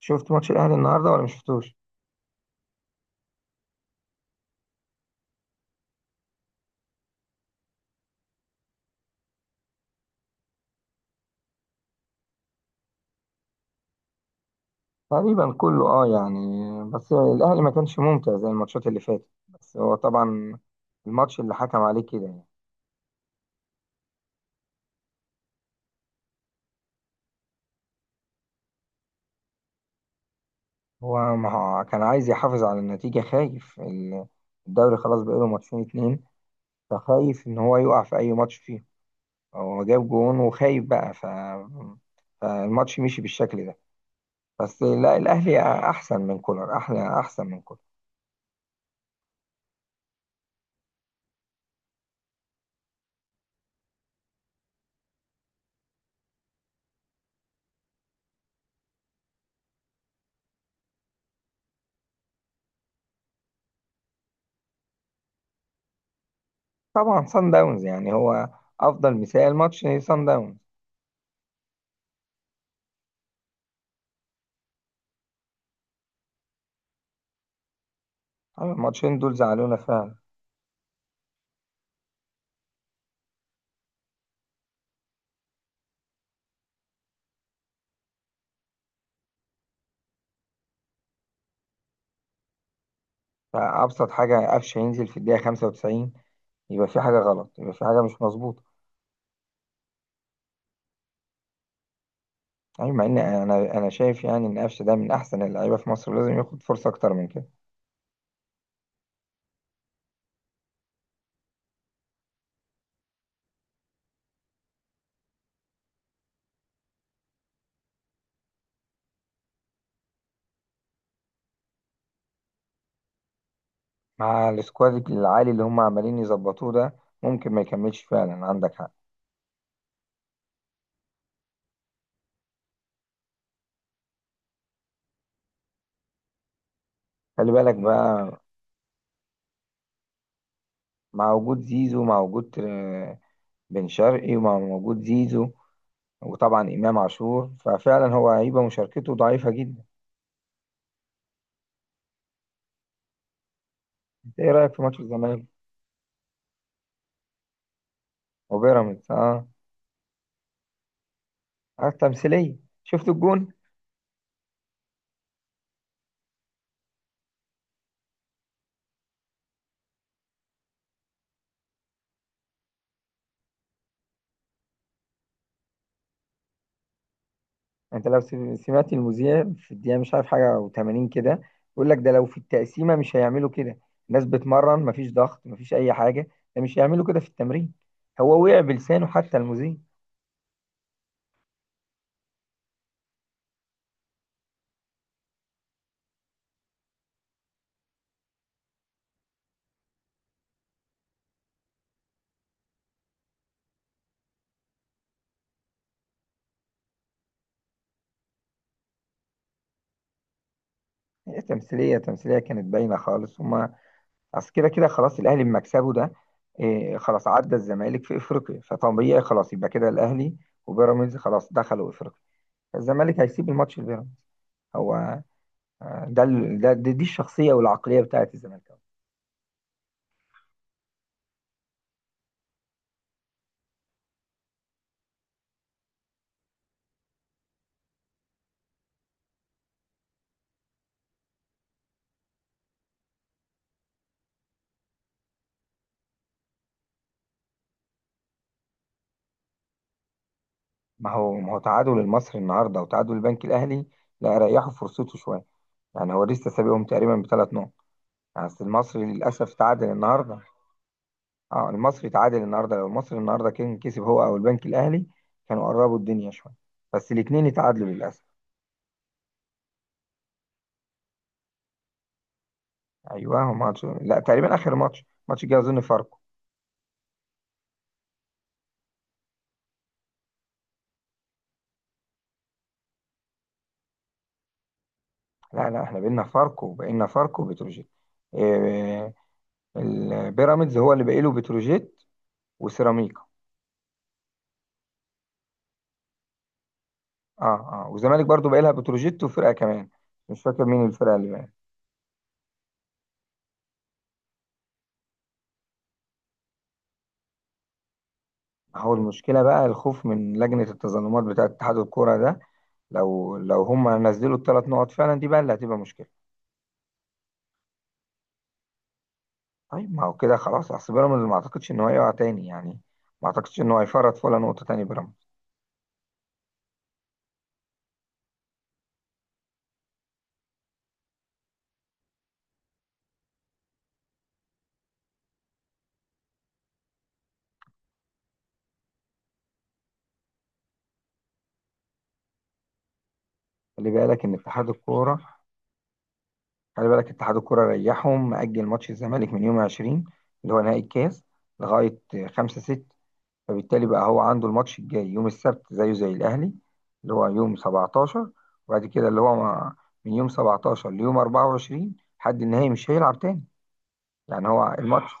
شفت ماتش الاهلي النهارده ولا مش شفتوش؟ تقريبا كله اه يعني. بس الاهلي ما كانش ممتع زي الماتشات اللي فاتت، بس هو طبعا الماتش اللي حكم عليه كده يعني. هو ما هو كان عايز يحافظ على النتيجه، خايف الدوري خلاص بقاله ماتشين اتنين، فخايف ان هو يقع في اي ماتش فيه. هو جاب جون وخايف بقى فالماتش مشي بالشكل ده. بس لا الاهلي احسن من كولر، احسن من كولر. طبعا سان داونز يعني، هو افضل مثال ماتش سان داونز. أيوة، الماتشين دول زعلونا فعلا. فأبسط حاجة قفش ينزل في الدقيقة 95، يبقى في حاجة غلط، يبقى في حاجة مش مظبوطة. يعني مع إن أنا شايف يعني إن قفش ده من أحسن اللعيبة في مصر، لازم ياخد فرصة أكتر من كده. مع السكواد العالي اللي هم عمالين يظبطوه ده، ممكن ما يكملش فعلا، عندك حق. خلي بالك بقى، مع وجود زيزو، مع وجود بن شرقي، ومع وجود زيزو، وطبعا إمام عاشور. ففعلا هو هيبقى مشاركته ضعيفة جدا. إنت إيه رأيك في ماتش الزمالك وبيراميدز؟ آه. اه، تمثيلية. شفت الجون. انت لو سمعت المذيع في الدقيقة مش عارف حاجة و80 كده، يقول لك ده لو في التقسيمة مش هيعملوا كده. الناس بتمرن، مفيش ضغط، مفيش أي حاجة. ده مش هيعملوا كده في التمرين. هو وقع بلسانه حتى المذيع. هي تمثيلية، تمثيلية كانت باينة خالص. هما أصل كده كده خلاص الأهلي بمكسبه ده، إيه خلاص عدى الزمالك في إفريقيا، فطبيعي خلاص يبقى كده. الأهلي وبيراميدز خلاص دخلوا إفريقيا، الزمالك هيسيب الماتش لبيراميدز. هو آه، ده ال- ده دي, دي الشخصيه والعقليه بتاعت الزمالكاوي. ما هو تعادل المصري النهارده وتعادل البنك الاهلي. لا، ريحوا فرصته شويه. يعني هو لسه سابقهم تقريبا بثلاث نقط. يعني أصل المصري للاسف تعادل النهارده. اه، المصري تعادل النهارده، لو المصري النهارده كان كسب هو او البنك الاهلي، كانوا قربوا الدنيا شويه. بس الاثنين اتعادلوا للاسف. ايوه، هو ماتش لا تقريبا اخر ماتش، ماتش الجاي اظن فاركو. لا لا، احنا بقينا فاركو وبتروجيت. إيه، البيراميدز هو اللي باقي له بتروجيت وسيراميكا. اه. اه، والزمالك برضو بقى لها بتروجيت وفرقه كمان، مش فاكر مين الفرقه اللي بقى. هو المشكله بقى الخوف من لجنه التظلمات بتاعه اتحاد الكوره ده. لو هم نزلوا الثلاث نقط فعلا، دي بقى اللي هتبقى مشكله. طيب ما هو كده خلاص، اصل بيراميدز ما اعتقدش ان هو هيقع تاني يعني، ما اعتقدش ان هو هيفرط في ولا نقطه تاني بيراميدز. خلي بالك ان اتحاد الكوره خلي بالك اتحاد الكوره ريحهم، مأجل ماتش الزمالك من يوم 20 اللي هو نهائي الكاس لغايه 5 6. فبالتالي بقى هو عنده الماتش الجاي يوم السبت زيه زي الأهلي، اللي هو يوم 17. وبعد كده اللي هو من يوم 17 ليوم 24 لحد النهائي مش هيلعب تاني. يعني هو الماتش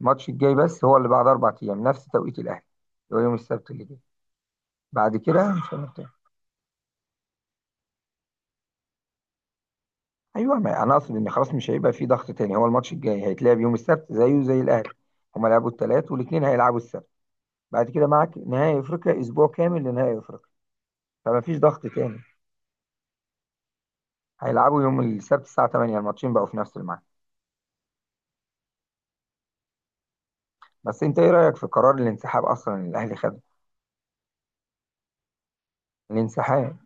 الماتش الجاي بس هو اللي بعد 4 أيام نفس توقيت الأهلي، اللي هو يوم السبت اللي جاي، بعد كده مش هنلعب تاني. أيوه، ما أنا أقصد إن خلاص مش هيبقى في ضغط تاني، هو الماتش الجاي هيتلعب يوم السبت زيه زي الأهلي. هما لعبوا الثلاث والاثنين هيلعبوا السبت. بعد كده معاك نهائي أفريقيا، أسبوع كامل لنهائي أفريقيا، فما فيش ضغط تاني. هيلعبوا يوم السبت الساعة 8، الماتشين بقوا في نفس الميعاد. بس انت ايه رأيك في قرار الانسحاب اصلا اللي الاهلي خده؟ الانسحاب.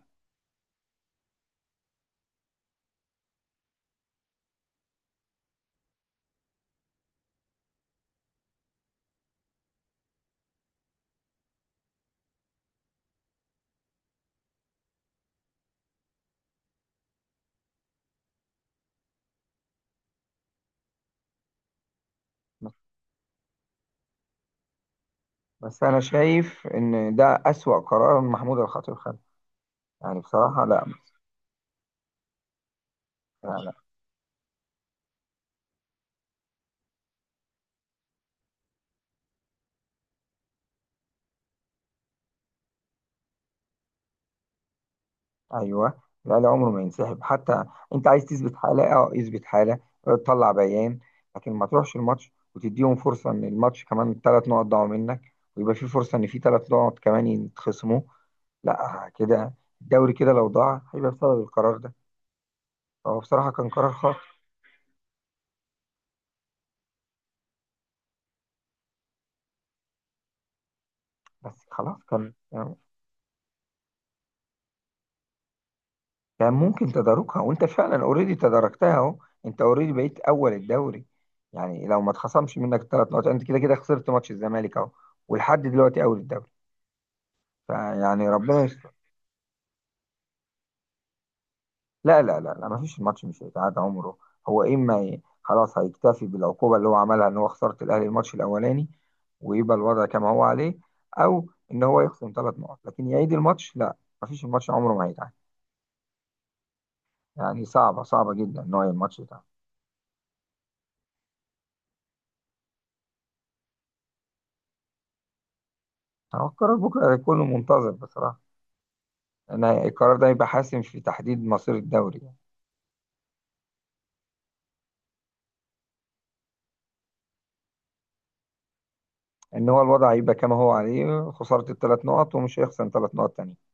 بس انا شايف ان ده أسوأ قرار محمود الخطيب خده، يعني بصراحة لا. لا, لا. ايوه. الاهلي عمره ما ينسحب حتى. انت عايز تثبت حالة، اه اثبت حالة، اه، تطلع بيان، لكن ما تروحش الماتش وتديهم فرصة ان الماتش كمان ثلاث نقط ضاعوا منك، ويبقى في فرصة ان في ثلاث نقط كمان يتخصموا. لا كده الدوري كده لو ضاع هيبقى بسبب القرار ده، هو بصراحة كان قرار خاطئ. بس خلاص كان يعني كان ممكن تداركها، وانت فعلا اوريدي تداركتها اهو. انت اوريدي بقيت اول الدوري. يعني لو ما اتخصمش منك ثلاث نقط، انت كده كده خسرت ماتش الزمالك اهو، ولحد دلوقتي اول الدوري. فيعني ربنا يستر. لا لا لا لا، ما فيش، الماتش مش هيتعاد عمره. هو اما خلاص هيكتفي بالعقوبه اللي هو عملها، ان هو خساره الاهلي الماتش الاولاني، ويبقى الوضع كما هو عليه، او ان هو يخصم ثلاث نقط لكن يعيد الماتش، لا. ما فيش، الماتش عمره ما هيتعاد. يعني صعبه، صعبه جدا ان هو الماتش يتعاد. هو القرار بكره هيكون منتظر بصراحه. انا القرار ده هيبقى حاسم في تحديد مصير الدوري. ان هو الوضع هيبقى كما هو عليه، خساره الثلاث نقط ومش هيخسر ثلاث نقط تانية.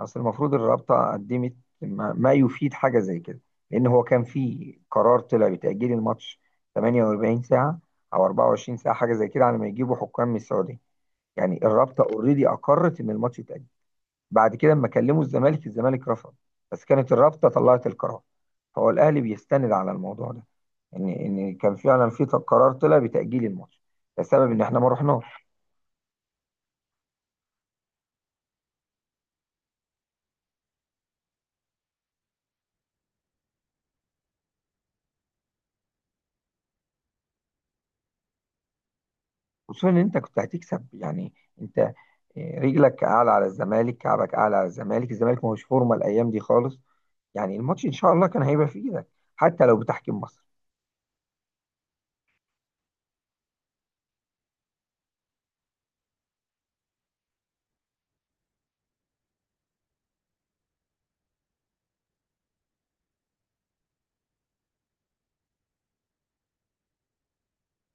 اصل المفروض الرابطه قدمت، ما يفيد حاجه زي كده، لان هو كان في قرار طلع بتاجيل الماتش 48 ساعه او 24 ساعه حاجه زي كده، على ما يجيبوا حكام من السعوديه. يعني الرابطه اوريدي اقرت ان الماتش يتاجل، بعد كده لما كلموا الزمالك، الزمالك رفض، بس كانت الرابطه طلعت القرار. فهو الاهلي بيستند على الموضوع ده، ان كان فعلا في قرار طلع بتاجيل الماتش، لسبب ان احنا ما رحناش. خصوصا ان انت كنت هتكسب يعني، انت رجلك اعلى على الزمالك، كعبك اعلى على الزمالك، الزمالك ما هوش فورمه الايام دي خالص. يعني الماتش ان شاء الله كان هيبقى في ايدك حتى لو بتحكيم مصر.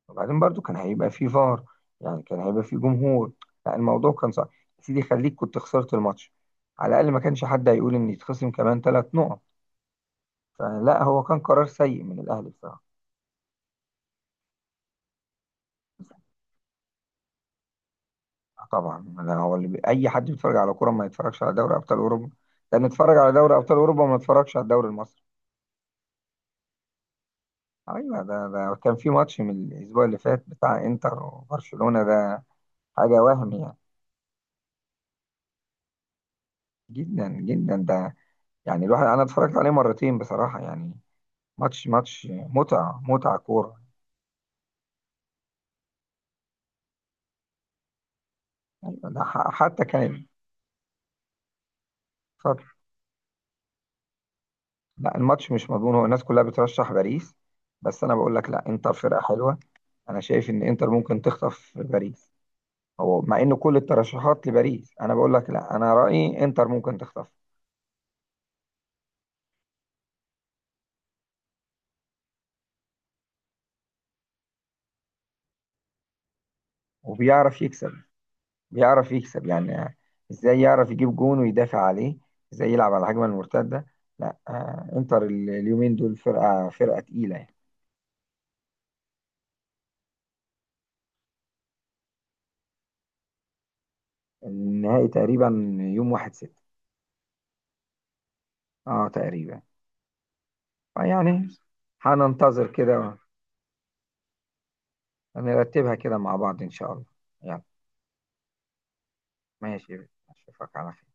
وبعدين برضو كان هيبقى فيه فار، يعني كان هيبقى فيه جمهور. لا الموضوع كان صعب. يا سيدي خليك كنت خسرت الماتش، على الأقل ما كانش حد هيقول إن يتخصم كمان ثلاث نقط. فلا هو كان قرار سيء من الأهلي بصراحة. آه طبعا، ده هو اللي أي حد بيتفرج على كورة ما يتفرجش على دوري أبطال أوروبا؟ ده نتفرج على دوري أبطال أوروبا وما نتفرجش على الدوري المصري؟ أيوة، ده كان في ماتش من الأسبوع اللي فات بتاع إنتر وبرشلونة، ده حاجة وهم يعني. جدا جدا ده. يعني الواحد، أنا اتفرجت عليه مرتين بصراحة يعني. ماتش ماتش متعة، متعة كورة. يعني ده حتى كان ف- لا، الماتش مش مضمون. هو الناس كلها بترشح باريس، بس أنا بقول لك لا، إنتر فرقة حلوة. أنا شايف إن إنتر ممكن تخطف باريس. هو مع إن كل الترشحات لباريس، أنا بقول لك لا، أنا رأيي إنتر ممكن تخطف. وبيعرف يكسب، بيعرف يكسب يعني. إزاي يعرف يجيب جون ويدافع عليه، إزاي يلعب على الهجمة المرتدة. لا إنتر اليومين دول فرقة، فرقة تقيلة يعني. النهائي تقريبا يوم 1 6. اه تقريبا. يعني هننتظر كده. هنرتبها كده مع بعض إن شاء الله. يلا. ماشي، أشوفك على خير.